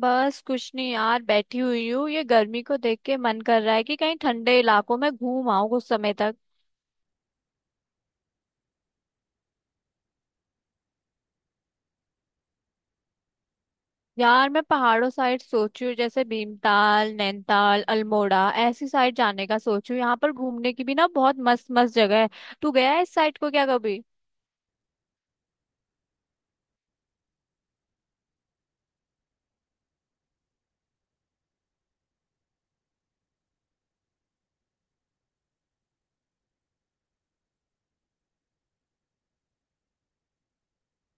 बस कुछ नहीं यार, बैठी हुई हूँ। ये गर्मी को देख के मन कर रहा है कि कहीं ठंडे इलाकों में घूम आऊं कुछ समय तक। यार मैं पहाड़ों साइड सोची हूँ, जैसे भीमताल, नैनीताल, अल्मोड़ा, ऐसी साइड जाने का सोचू। यहाँ पर घूमने की भी ना बहुत मस्त मस्त जगह है। तू गया है इस साइड को क्या कभी?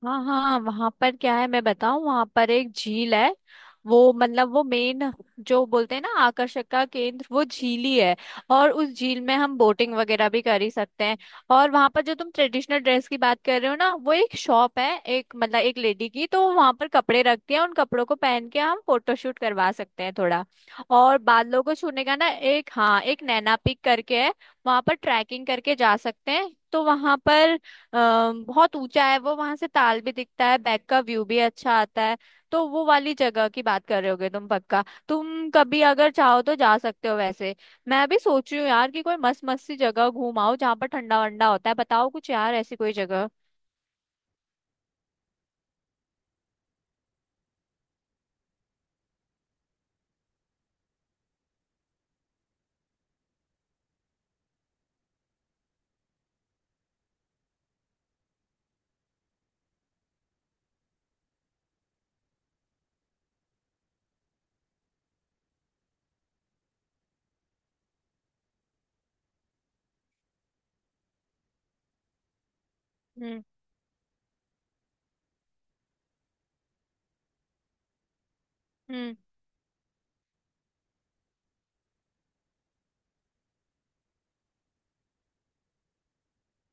हाँ हाँ, वहां पर क्या है मैं बताऊं, वहां पर एक झील है। वो मतलब वो मेन, जो बोलते हैं ना आकर्षक का केंद्र, वो झील ही है। और उस झील में हम बोटिंग वगैरह भी कर ही सकते हैं। और वहां पर जो तुम ट्रेडिशनल ड्रेस की बात कर रहे हो ना, वो एक शॉप है, एक मतलब एक लेडी की तो वहां पर कपड़े रखती है, उन कपड़ों को पहन के हम फोटोशूट करवा सकते हैं थोड़ा। और बादलों को छूने का ना एक, हाँ एक नैना पिक करके है। वहां पर ट्रैकिंग करके जा सकते हैं। तो वहां पर बहुत ऊंचा है वो। वहां से ताल भी दिखता है, बैक का व्यू भी अच्छा आता है। तो वो वाली जगह की बात कर रहे होगे तुम पक्का। तुम कभी अगर चाहो तो जा सकते हो वैसे। मैं भी सोच रही हूँ यार कि कोई मस्त मस्त सी जगह घूम आओ जहाँ पर ठंडा वंडा होता है। बताओ कुछ यार ऐसी कोई जगह। हम्म। हम्म।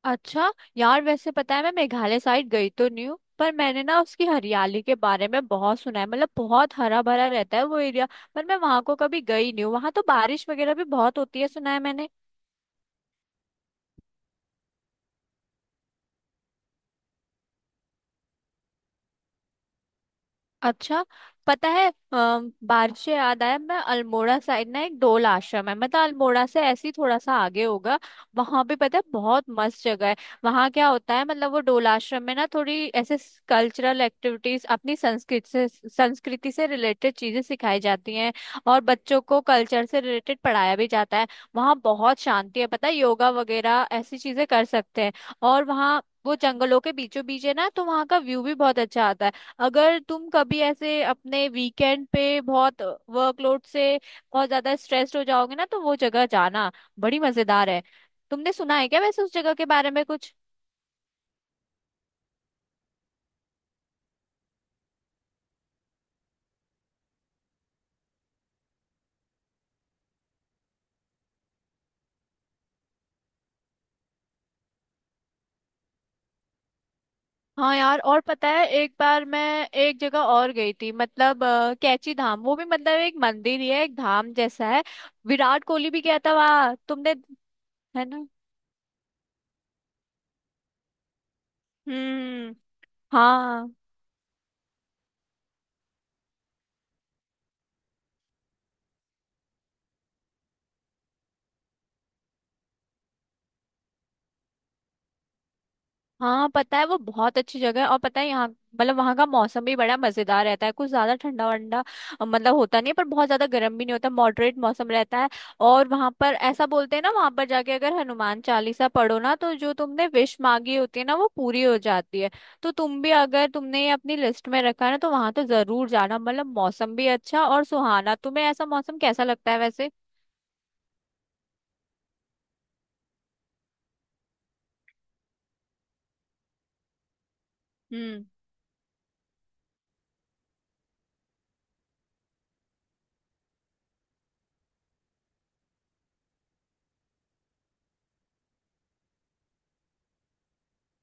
अच्छा यार, वैसे पता है मैं मेघालय साइड गई तो नहीं हूँ, पर मैंने ना उसकी हरियाली के बारे में बहुत सुना है, मतलब बहुत हरा भरा रहता है वो एरिया। पर मैं वहां को कभी गई नहीं हूँ। वहां तो बारिश वगैरह भी बहुत होती है सुना है मैंने। अच्छा। पता है, बारिश से याद आया, मैं अल्मोड़ा साइड ना एक डोल आश्रम है, मतलब अल्मोड़ा से ऐसे ही थोड़ा सा आगे होगा। वहां पे पता है बहुत मस्त जगह है। वहां क्या होता है, मतलब वो डोल आश्रम में ना थोड़ी ऐसे कल्चरल एक्टिविटीज, अपनी संस्कृति से रिलेटेड चीजें सिखाई जाती हैं। और बच्चों को कल्चर से रिलेटेड पढ़ाया भी जाता है। वहाँ बहुत शांति है पता है, योगा वगैरह ऐसी चीजें कर सकते हैं। और वहाँ वो जंगलों के बीचों बीच है ना, तो वहाँ का व्यू भी बहुत अच्छा आता है। अगर तुम कभी ऐसे अपने वीकेंड पे बहुत वर्कलोड से बहुत ज्यादा स्ट्रेस्ड हो जाओगे ना तो वो जगह जाना, बड़ी मजेदार है। तुमने सुना है क्या वैसे उस जगह के बारे में कुछ? हाँ यार। और पता है एक बार मैं एक जगह और गई थी, मतलब कैची धाम। वो भी मतलब एक मंदिर ही है, एक धाम जैसा है। विराट कोहली भी गया था वहाँ, तुमने... है ना? हम्म। हाँ हाँ, पता है वो बहुत अच्छी जगह है। और पता है यहाँ मतलब वहाँ का मौसम भी बड़ा मजेदार रहता है, कुछ ज्यादा ठंडा वंडा मतलब होता नहीं है, पर बहुत ज्यादा गर्म भी नहीं होता, मॉडरेट मौसम रहता है। और वहाँ पर ऐसा बोलते हैं ना, वहाँ पर जाके अगर हनुमान चालीसा पढ़ो ना तो जो तुमने विश मांगी होती है ना वो पूरी हो जाती है। तो तुम भी अगर तुमने ये अपनी लिस्ट में रखा है ना तो वहाँ तो जरूर जाना, मतलब मौसम भी अच्छा और सुहाना। तुम्हें ऐसा मौसम कैसा लगता है वैसे?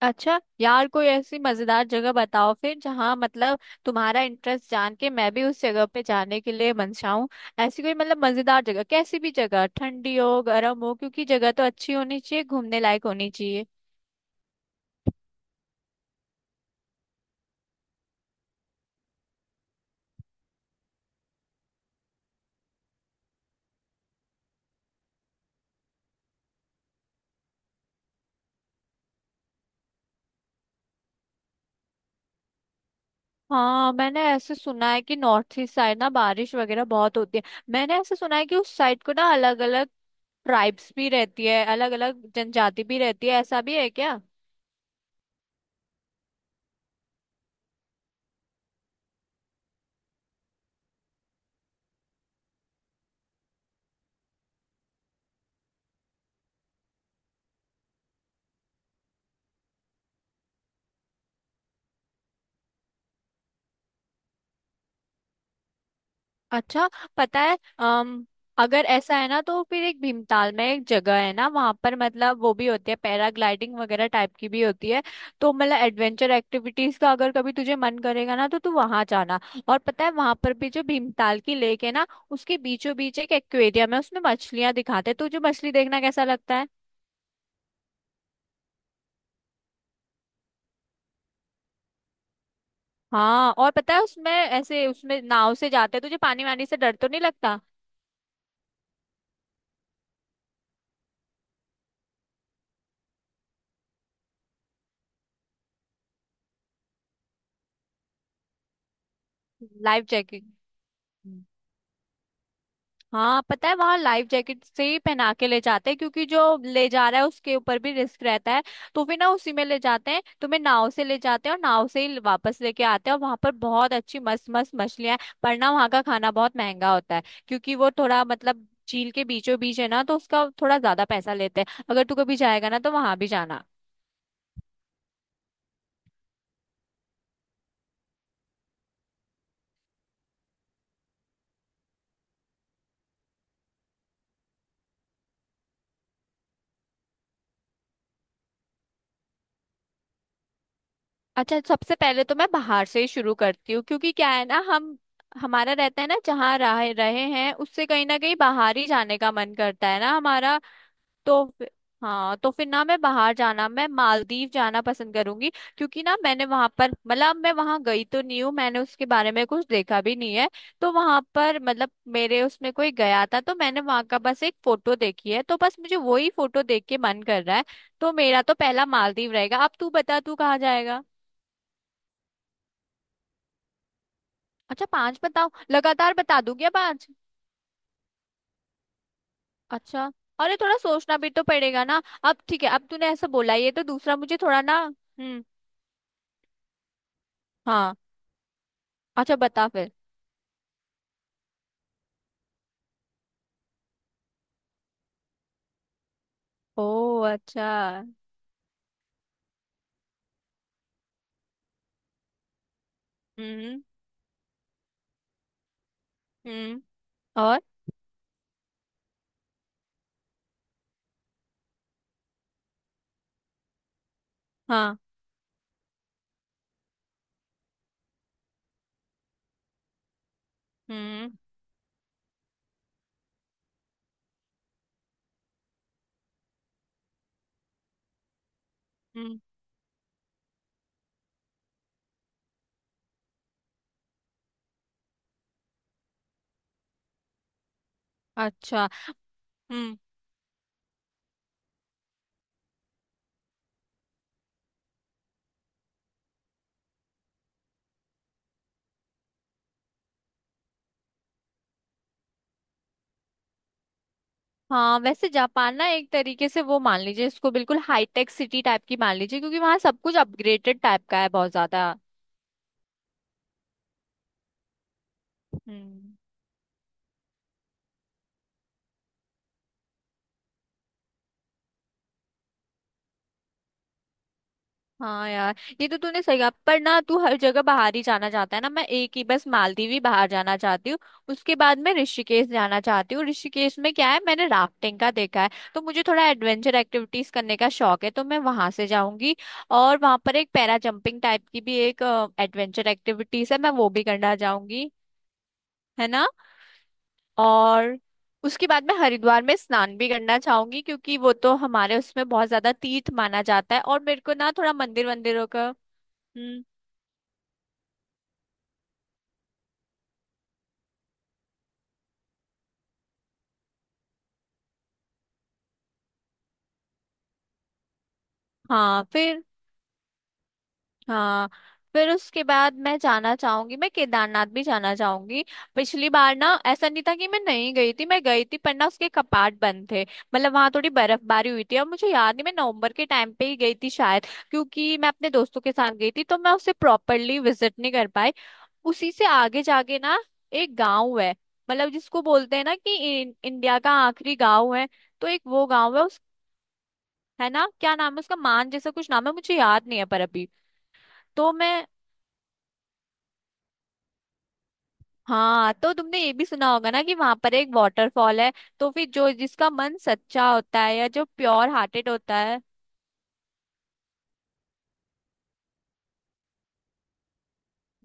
अच्छा यार, कोई ऐसी मजेदार जगह बताओ फिर जहाँ मतलब तुम्हारा इंटरेस्ट जान के मैं भी उस जगह पे जाने के लिए मनचाहूँ। ऐसी कोई मतलब मजेदार जगह, कैसी भी जगह, ठंडी हो गर्म हो, क्योंकि जगह तो अच्छी होनी चाहिए, घूमने लायक होनी चाहिए। हाँ, मैंने ऐसे सुना है कि नॉर्थ ईस्ट साइड ना बारिश वगैरह बहुत होती है। मैंने ऐसे सुना है कि उस साइड को ना अलग अलग ट्राइब्स भी रहती है, अलग अलग जनजाति भी रहती है। ऐसा भी है क्या? अच्छा। पता है अगर ऐसा है ना तो फिर एक भीमताल में एक जगह है ना वहां पर, मतलब वो भी होती है पैराग्लाइडिंग वगैरह टाइप की भी होती है। तो मतलब एडवेंचर एक्टिविटीज का अगर कभी तुझे मन करेगा ना तो तू वहां जाना। और पता है वहां पर भी जो भीमताल की लेक है ना उसके बीचों बीच एक एक्वेरियम है, उसमें मछलियां दिखाते हैं। तुझे मछली देखना कैसा लगता है? हाँ, और पता है उसमें ऐसे उसमें नाव से जाते हैं। तुझे पानी वानी से डर तो नहीं लगता? Life jacket. हाँ पता है वहां लाइफ जैकेट से ही पहना के ले जाते हैं, क्योंकि जो ले जा रहा है उसके ऊपर भी रिस्क रहता है। तो फिर ना उसी में ले जाते हैं, तुम्हें नाव से ले जाते हैं और नाव से ही वापस लेके आते हैं। और वहां पर बहुत अच्छी मस्त मस्त मछलियां हैं, पर ना वहां का खाना बहुत महंगा होता है, क्योंकि वो थोड़ा मतलब झील के बीचों बीच है ना तो उसका थोड़ा ज्यादा पैसा लेते हैं। अगर तू कभी जाएगा ना तो वहां भी जाना। अच्छा, सबसे पहले तो मैं बाहर से ही शुरू करती हूँ, क्योंकि क्या है ना, हम हमारा रहता है ना जहाँ रहे रहे हैं उससे कहीं ना कहीं बाहर ही जाने का मन करता है ना हमारा। तो फिर- हाँ, तो फिर ना मैं बाहर जाना, मैं मालदीव जाना पसंद करूंगी। क्योंकि ना मैंने वहां पर मतलब मैं वहां गई तो नहीं हूँ, मैंने उसके बारे में कुछ देखा भी नहीं है। तो वहां पर मतलब मेरे उसमें कोई गया था तो मैंने वहां का बस एक फोटो देखी है, तो बस मुझे वही फोटो देख के मन कर रहा है। तो मेरा तो पहला मालदीव रहेगा। अब तू बता, तू कहाँ जाएगा? अच्छा, पांच बताओ? लगातार बता दूं क्या पांच? अच्छा, अरे थोड़ा सोचना भी तो पड़ेगा ना। अब ठीक है, अब तूने ऐसा बोला, ये तो दूसरा, मुझे थोड़ा ना। हम्म। हाँ। अच्छा, बता फिर। ओ। अच्छा। हम्म। हम्म। और। हाँ। हम्म। हम्म। अच्छा। हम्म। हाँ, वैसे जापान ना एक तरीके से वो मान लीजिए, इसको बिल्कुल हाईटेक सिटी टाइप की मान लीजिए, क्योंकि वहाँ सब कुछ अपग्रेडेड टाइप का है बहुत ज्यादा। हम्म। हाँ यार, ये तो तूने सही कहा। पर ना तू हर जगह बाहर ही जाना चाहता है ना, मैं एक ही बस मालदीव ही बाहर जाना चाहती हूँ। उसके बाद मैं ऋषिकेश जाना चाहती हूँ। ऋषिकेश में क्या है, मैंने राफ्टिंग का देखा है। तो मुझे थोड़ा एडवेंचर एक्टिविटीज करने का शौक है तो मैं वहां से जाऊंगी। और वहां पर एक पैरा जंपिंग टाइप की भी एक एडवेंचर एक्टिविटीज है, मैं वो भी करना जाऊंगी। है ना? और उसके बाद मैं हरिद्वार में स्नान भी करना चाहूंगी, क्योंकि वो तो हमारे उसमें बहुत ज्यादा तीर्थ माना जाता है, और मेरे को ना थोड़ा मंदिर वंदिरों का... हम्म। हाँ फिर। हाँ फिर उसके बाद मैं जाना चाहूंगी, मैं केदारनाथ भी जाना चाहूंगी। पिछली बार ना ऐसा नहीं था कि मैं नहीं गई थी, मैं गई थी, पर ना उसके कपाट बंद थे, मतलब वहां थोड़ी बर्फबारी हुई थी और मुझे याद नहीं, मैं नवंबर के टाइम पे ही गई थी शायद। क्योंकि मैं अपने दोस्तों के साथ गई थी तो मैं उसे प्रॉपरली विजिट नहीं कर पाई। उसी से आगे जाके ना एक गाँव है, मतलब जिसको बोलते हैं ना कि इंडिया का आखिरी गाँव है। तो एक वो गाँव है उस... है ना? क्या नाम है उसका, मान जैसा कुछ नाम है, मुझे याद नहीं है पर अभी। तो मैं... हाँ, तो तुमने ये भी सुना होगा ना कि वहां पर एक वाटरफॉल है। तो फिर जो जिसका मन सच्चा होता है या जो प्योर हार्टेड होता है...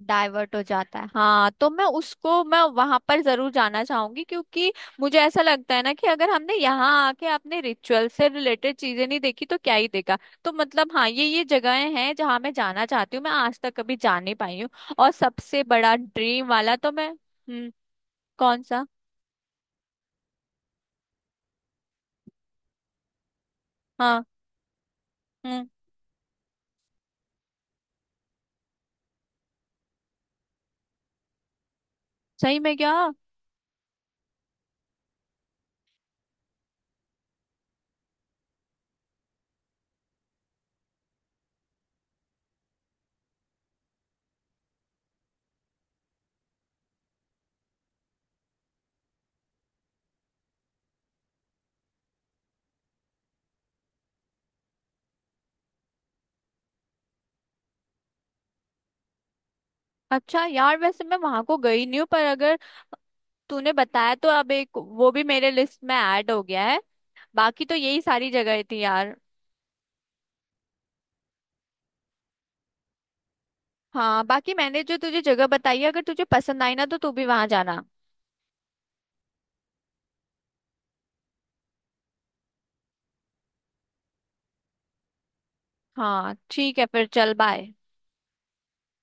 डाइवर्ट हो जाता है। हाँ, तो मैं उसको, मैं वहां पर जरूर जाना चाहूंगी, क्योंकि मुझे ऐसा लगता है ना कि अगर हमने यहाँ आके अपने रिचुअल से रिलेटेड चीजें नहीं देखी तो क्या ही देखा। तो मतलब हाँ, ये जगहें हैं जहाँ मैं जाना चाहती हूँ, मैं आज तक कभी जा नहीं पाई हूँ। और सबसे बड़ा ड्रीम वाला तो मैं... हम्म। कौन सा? हाँ। हम्म। सही में क्या? अच्छा यार, वैसे मैं वहां को गई नहीं हूँ, पर अगर तूने बताया तो अब एक वो भी मेरे लिस्ट में ऐड हो गया है। बाकी तो यही सारी जगह थी यार। हाँ, बाकी मैंने जो तुझे जगह बताई है अगर तुझे पसंद आई ना तो तू भी वहां जाना। हाँ ठीक है, फिर चल बाय।